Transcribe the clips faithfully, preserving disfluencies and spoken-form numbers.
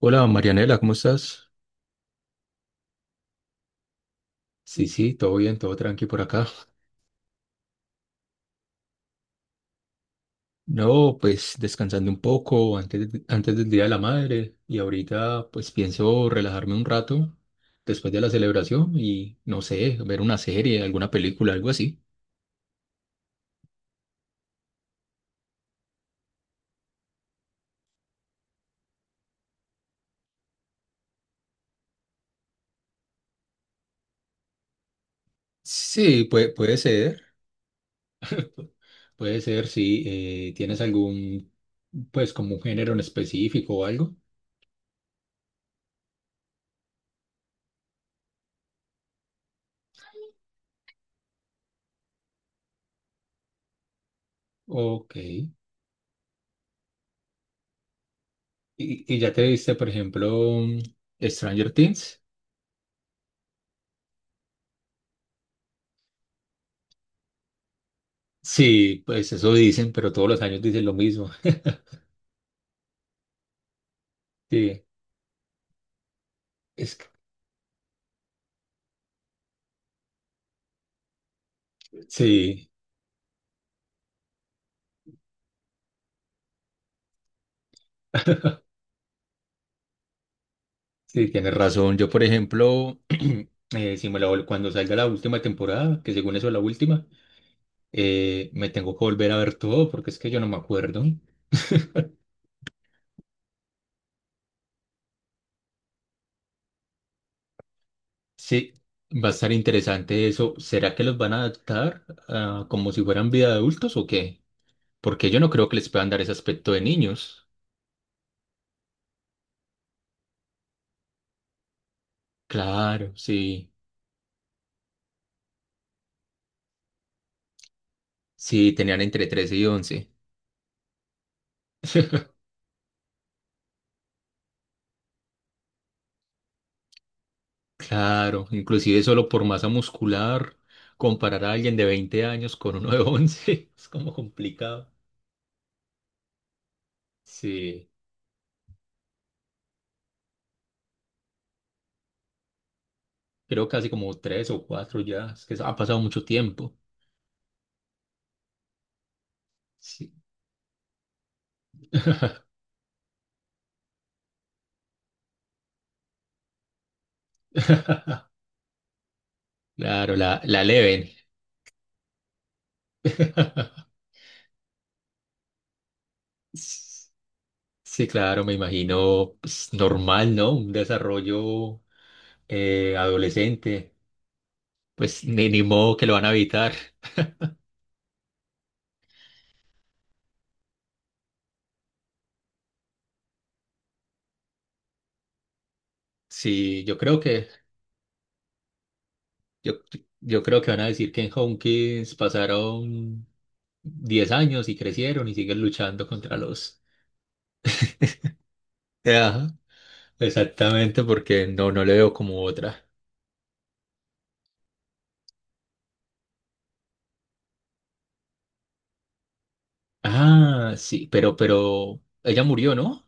Hola Marianela, ¿cómo estás? Sí, sí, todo bien, todo tranqui por acá. No, pues descansando un poco antes, de- antes del Día de la Madre y ahorita pues pienso relajarme un rato después de la celebración y no sé, ver una serie, alguna película, algo así. Sí, puede, puede ser, puede ser, sí. Eh, ¿tienes algún, pues como un género en específico o algo? Ok. ¿Y, ¿y ya te viste, por ejemplo, Stranger Things? Sí, pues eso dicen, pero todos los años dicen lo mismo. Sí, es, que- sí, sí, tienes razón. Yo, por ejemplo, eh, si me la vol- cuando salga la última temporada, que según eso es la última, eh, me tengo que volver a ver todo porque es que yo no me acuerdo. Sí, va a estar interesante eso. ¿Será que los van a adaptar ah, como si fueran vida de adultos o qué? Porque yo no creo que les puedan dar ese aspecto de niños. Claro, sí, sí, tenían entre trece y once. Claro, inclusive solo por masa muscular, comparar a alguien de veinte años con uno de once es como complicado. Sí, creo casi como tres o cuatro ya, es que ha pasado mucho tiempo. Sí. Claro, la, la leven. Sí, claro, me imagino, pues, normal, ¿no? Un desarrollo eh, adolescente, pues ni, ni modo que lo van a evitar. Sí, yo creo que Yo, yo creo que van a decir que en Homekins pasaron diez años y crecieron y siguen luchando contra los... Ajá, exactamente, porque no, no le veo como otra. Ah, sí, pero, pero ella murió, ¿no?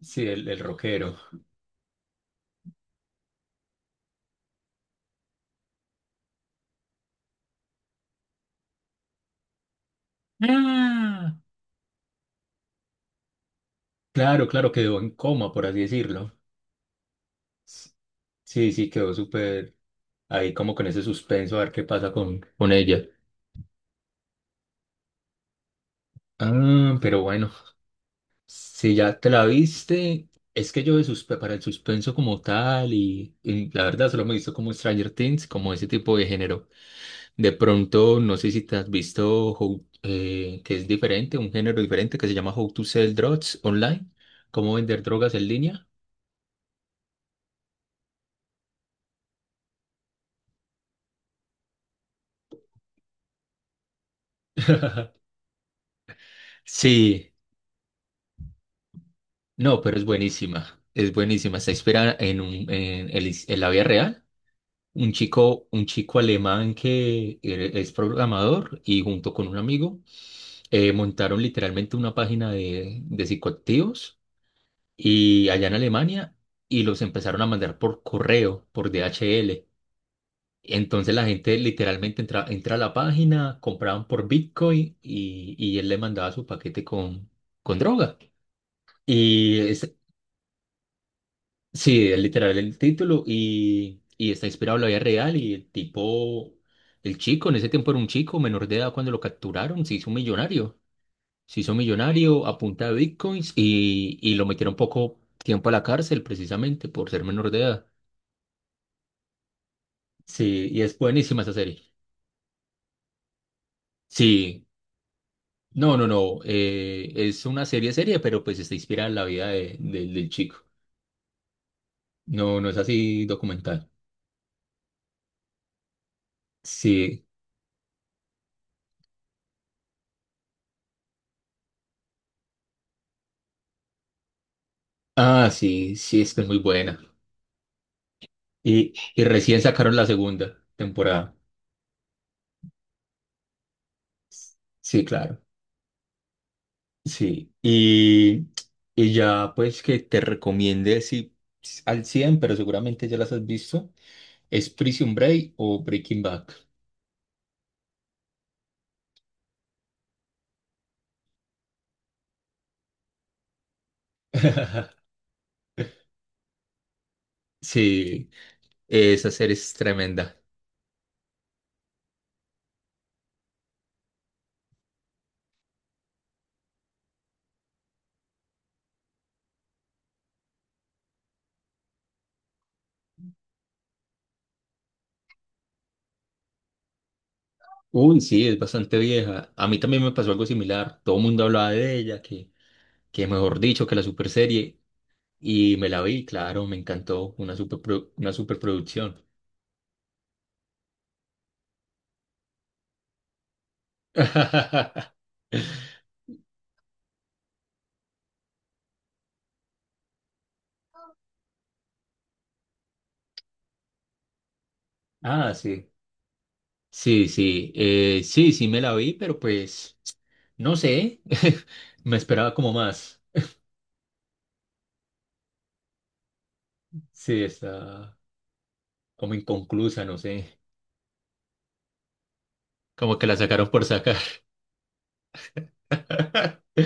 Sí, el, el rockero. Ah, claro, claro, quedó en coma, por así decirlo. S- Sí, sí, quedó súper ahí como con ese suspenso a ver qué pasa con, con ella. Ah, pero bueno. Si ya te la viste, es que yo de suspe- para el suspenso como tal y, y la verdad solo me he visto como Stranger Things, como ese tipo de género. De pronto, no sé si te has visto How- eh, que es diferente, un género diferente que se llama How to Sell Drugs Online, cómo vender drogas en línea. Sí, no, pero es buenísima, es buenísima. Está inspirada en, un, en, el his- en la vida real. Un chico, un chico alemán que eh, es programador y junto con un amigo eh, montaron literalmente una página de, de psicoactivos y allá en Alemania y los empezaron a mandar por correo, por D H L. Entonces la gente literalmente entra, entra a la página, compraban por Bitcoin y, y él le mandaba su paquete con, con droga. Y es, sí, es literal el título y, y está inspirado en la vida real y el tipo, el chico, en ese tiempo era un chico menor de edad cuando lo capturaron, se hizo un millonario. Se hizo millonario a punta de bitcoins y, y lo metieron poco tiempo a la cárcel precisamente por ser menor de edad. Sí, y es buenísima esa serie. Sí, no, no, no, eh, es una serie seria, pero pues está inspirada en la vida de- de- del chico. No, no es así documental. Sí, ah, sí, sí, es que es muy buena. Y, y recién sacaron la segunda temporada. Sí, claro. Sí, y, y ya pues que te recomiende si al cien pero seguramente ya las has visto, es Prison Break o Breaking Bad. Sí, esa serie es tremenda. Uy, sí, es bastante vieja. A mí también me pasó algo similar. Todo el mundo hablaba de ella, que, que mejor dicho, que la super serie. Y me la vi, claro, me encantó. Una super una superproducción. Ah, sí. Sí, sí, eh, sí, sí me la vi, pero pues no sé, me esperaba como más. Sí, está como inconclusa, no sé, como que la sacaron por sacar.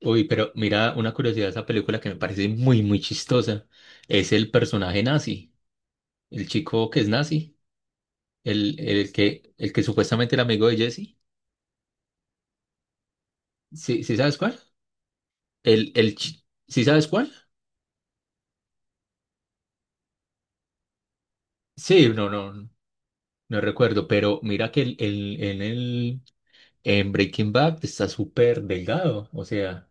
Uy, pero mira, una curiosidad de esa película que me parece muy, muy chistosa es el personaje nazi, el chico que es nazi, el, el que, el que supuestamente era amigo de Jesse. ¿Sí, sí sabes cuál? El, el, chi- ¿sí sabes cuál? Sí, no, no, no recuerdo, pero mira que el, el, en el En Breaking Bad está súper delgado, o sea,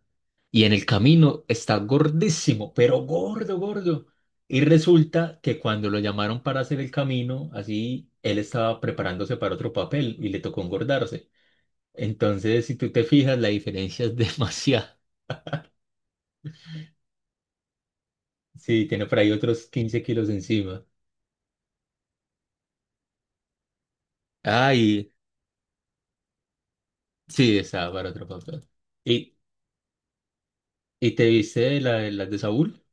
y en el camino está gordísimo, pero gordo, gordo. Y resulta que cuando lo llamaron para hacer el camino, así él estaba preparándose para otro papel y le tocó engordarse. Entonces, si tú te fijas, la diferencia es demasiada. Sí, tiene por ahí otros quince kilos encima. Ay, sí, estaba para otro papel. ¿Y, ¿Y te viste la, de- la de Saúl?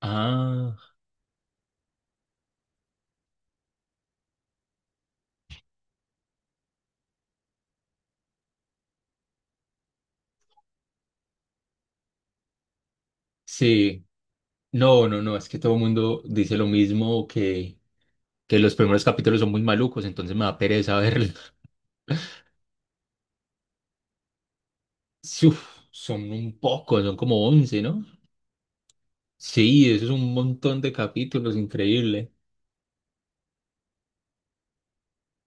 Ah, sí. No, no, no, es que todo el mundo dice lo mismo, que, que los primeros capítulos son muy malucos, entonces me da pereza verlos. Uf, son un poco, son como once, ¿no? Sí, eso es un montón de capítulos, increíble.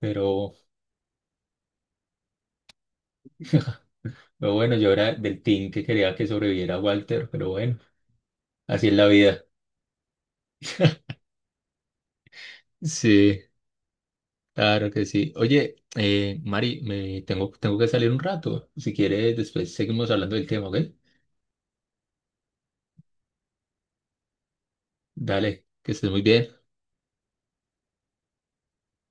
Pero, pero bueno, yo era del team que quería que sobreviviera Walter, pero bueno, así es la vida. Sí, claro que sí. Oye, eh, Mari, me tengo, tengo que salir un rato. Si quieres, después seguimos hablando del tema, ¿ok? Dale, que estés muy bien.